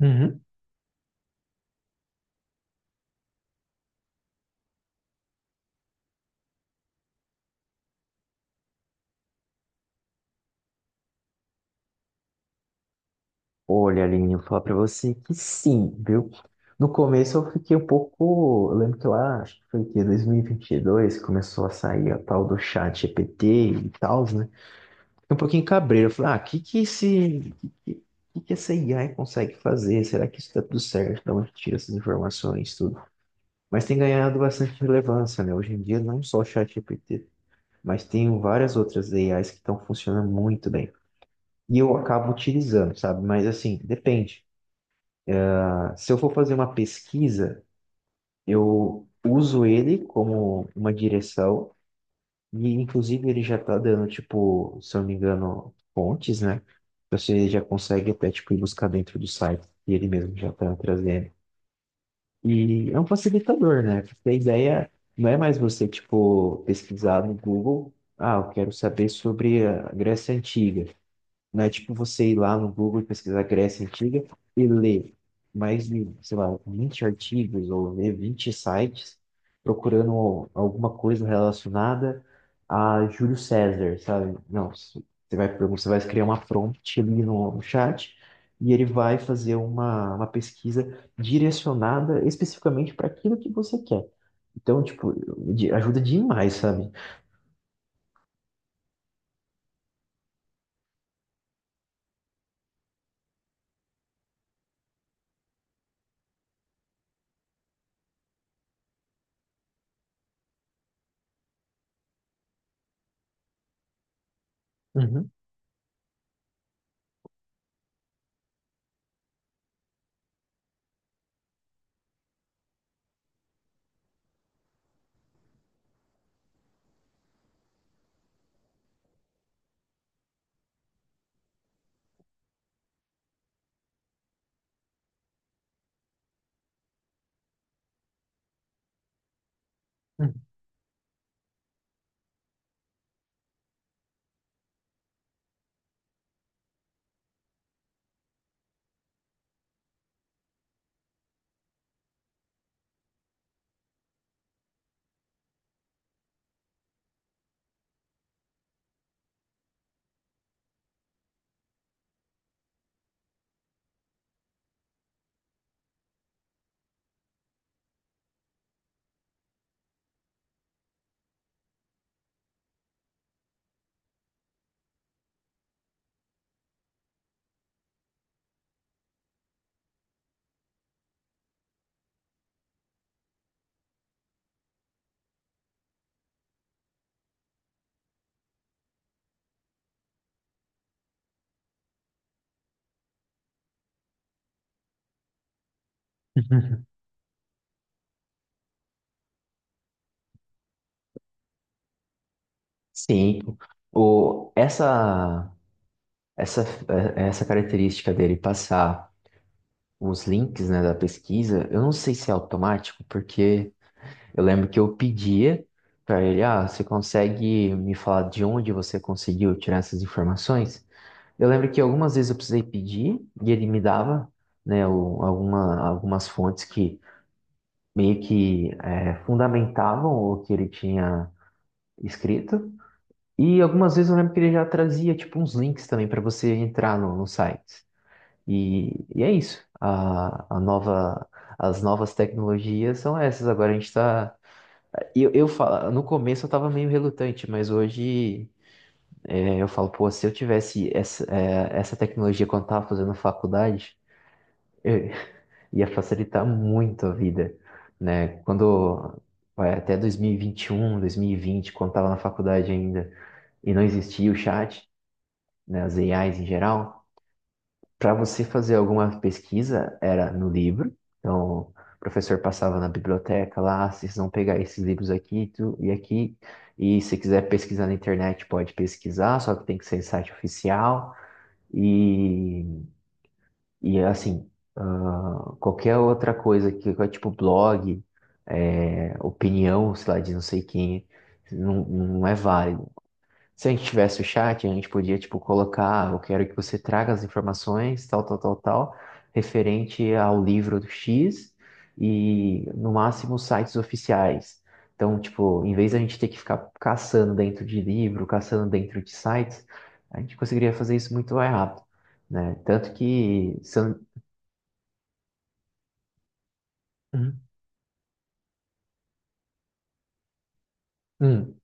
Uhum. Olha, Aline, eu vou falar pra você que sim, viu? No começo eu fiquei um pouco. Eu lembro que lá, acho que foi o quê? 2022, começou a sair a tal do chat GPT e tal, né? Fiquei um pouquinho cabreiro. Eu falei, ah, o que que esse. Que essa AI consegue fazer? Será que isso tá tudo certo? De onde tira essas informações, tudo? Mas tem ganhado bastante relevância, né? Hoje em dia, não só o chat GPT, mas tem várias outras AIs que estão funcionando muito bem. E eu acabo utilizando, sabe? Mas assim, depende. Se eu for fazer uma pesquisa, eu uso ele como uma direção, e inclusive ele já está dando, tipo, se eu não me engano, fontes, né? Você já consegue até, tipo, ir buscar dentro do site, e ele mesmo já está trazendo. E é um facilitador, né? Porque a ideia não é mais você, tipo, pesquisar no Google, ah, eu quero saber sobre a Grécia Antiga. Não é tipo você ir lá no Google e pesquisar Grécia Antiga e ler mais de, sei lá, 20 artigos ou ler 20 sites procurando alguma coisa relacionada a Júlio César, sabe? Não, você vai criar uma prompt ali no chat e ele vai fazer uma pesquisa direcionada especificamente para aquilo que você quer. Então, tipo, ajuda demais, sabe? Uhum. Sim, o, essa. Essa, é essa característica dele passar os links, né, da pesquisa, eu não sei se é automático, porque eu lembro que eu pedia para ele, ah, você consegue me falar de onde você conseguiu tirar essas informações? Eu lembro que algumas vezes eu precisei pedir e ele me dava, né, algumas fontes que meio que fundamentavam o que ele tinha escrito. E algumas vezes eu lembro que ele já trazia, tipo, uns links também para você entrar no site. E é isso. A nova, as novas tecnologias são essas. Agora a gente tá. Eu falo, no começo eu tava meio relutante, mas hoje eu falo, pô, se eu tivesse essa, essa tecnologia quando eu tava fazendo faculdade, eu- ia facilitar muito a vida, né? Quando. Vai, Até 2021, 2020, quando tava na faculdade ainda, e não existia o chat, né, as AIs em geral, para você fazer alguma pesquisa era no livro. Então, o professor passava na biblioteca lá: "Ah, vocês vão pegar esses livros aqui e aqui. E se quiser pesquisar na internet, pode pesquisar, só que tem que ser em site oficial. E, e assim, ah, qualquer outra coisa que é tipo blog, é, opinião, sei lá, de não sei quem, não é válido. Se a gente tivesse o chat, a gente podia, tipo, colocar: "Ah, eu quero que você traga as informações, tal, tal, tal, tal, referente ao livro do X e, no máximo, sites oficiais. Então, tipo, em vez da gente ter que ficar caçando dentro de livro, caçando dentro de sites, a gente conseguiria fazer isso muito mais rápido, né? Tanto que... se eu- Uhum, uhum,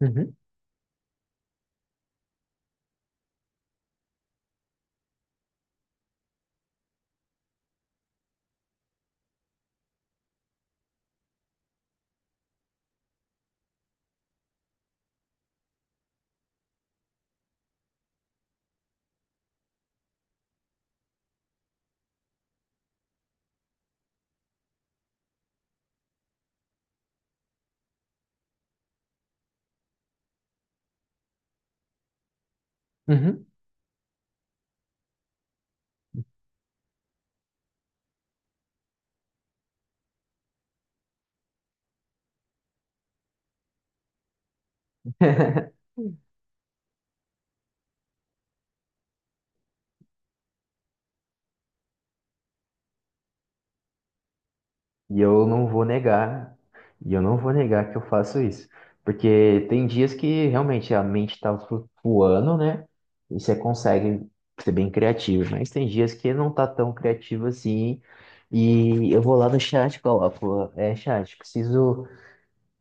uhum, uhum. uhum. E eu não vou negar, e eu não vou negar que eu faço isso. Porque tem dias que realmente a mente tá flutuando, né? E você consegue ser bem criativo, mas tem dias que não tá tão criativo assim. E eu vou lá no chat, e coloco, é, chat, preciso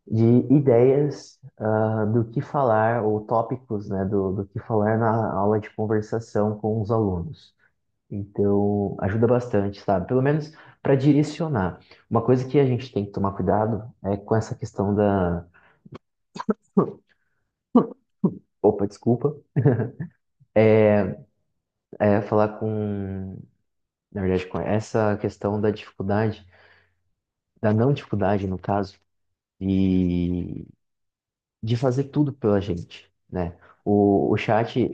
de ideias, ah, do que falar, ou tópicos, né, do que falar na aula de conversação com os alunos. Então, ajuda bastante, sabe? Pelo menos para direcionar. Uma coisa que a gente tem que tomar cuidado é com essa questão da. Opa, desculpa. É falar com. Na verdade, com essa questão da dificuldade, da não dificuldade, no caso, de, de fazer tudo pela gente, né? O chat,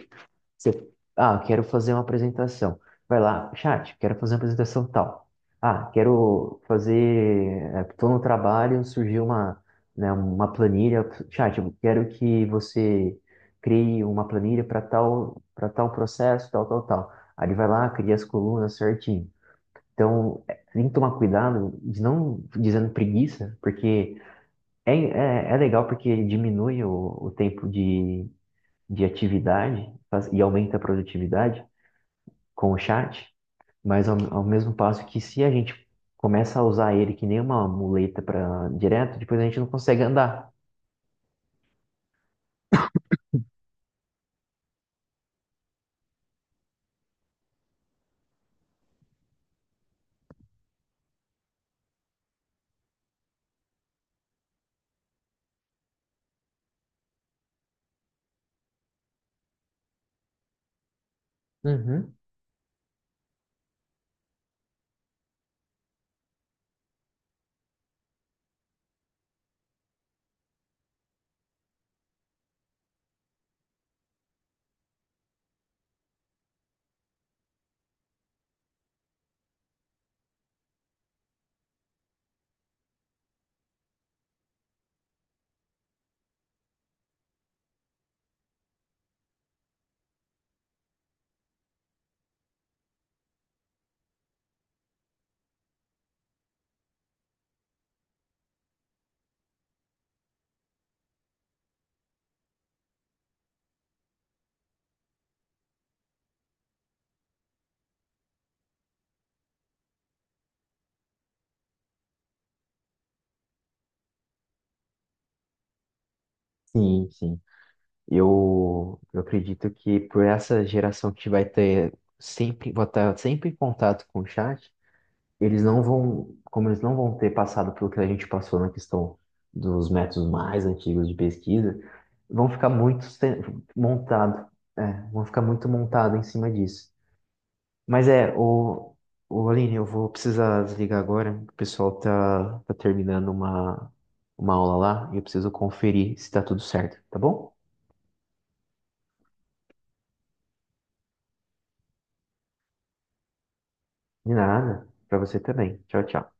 Você, ah, quero fazer uma apresentação. Vai lá, chat, quero fazer uma apresentação tal. Ah, quero fazer. Estou no trabalho, surgiu uma, né, uma planilha. Chat, eu quero que você crie uma planilha para tal processo, tal, tal, tal. Aí ele vai lá, cria as colunas certinho. Então, é, tem que tomar cuidado de não dizendo preguiça, porque é legal porque ele diminui o tempo de atividade e aumenta a produtividade com o chat, mas ao mesmo passo que se a gente começa a usar ele que nem uma muleta para direto, depois a gente não consegue andar. Uhum. Sim. Eu acredito que por essa geração que vai ter sempre, vai estar sempre em contato com o chat, eles não vão, como eles não vão ter passado pelo que a gente passou na questão dos métodos mais antigos de pesquisa, vão ficar muito montado, é, vão ficar muito montado em cima disso. Mas é, o Aline, eu vou precisar desligar agora. O pessoal tá terminando uma aula lá e eu preciso conferir se tá tudo certo, tá bom? De nada. Pra você também. Tchau, tchau.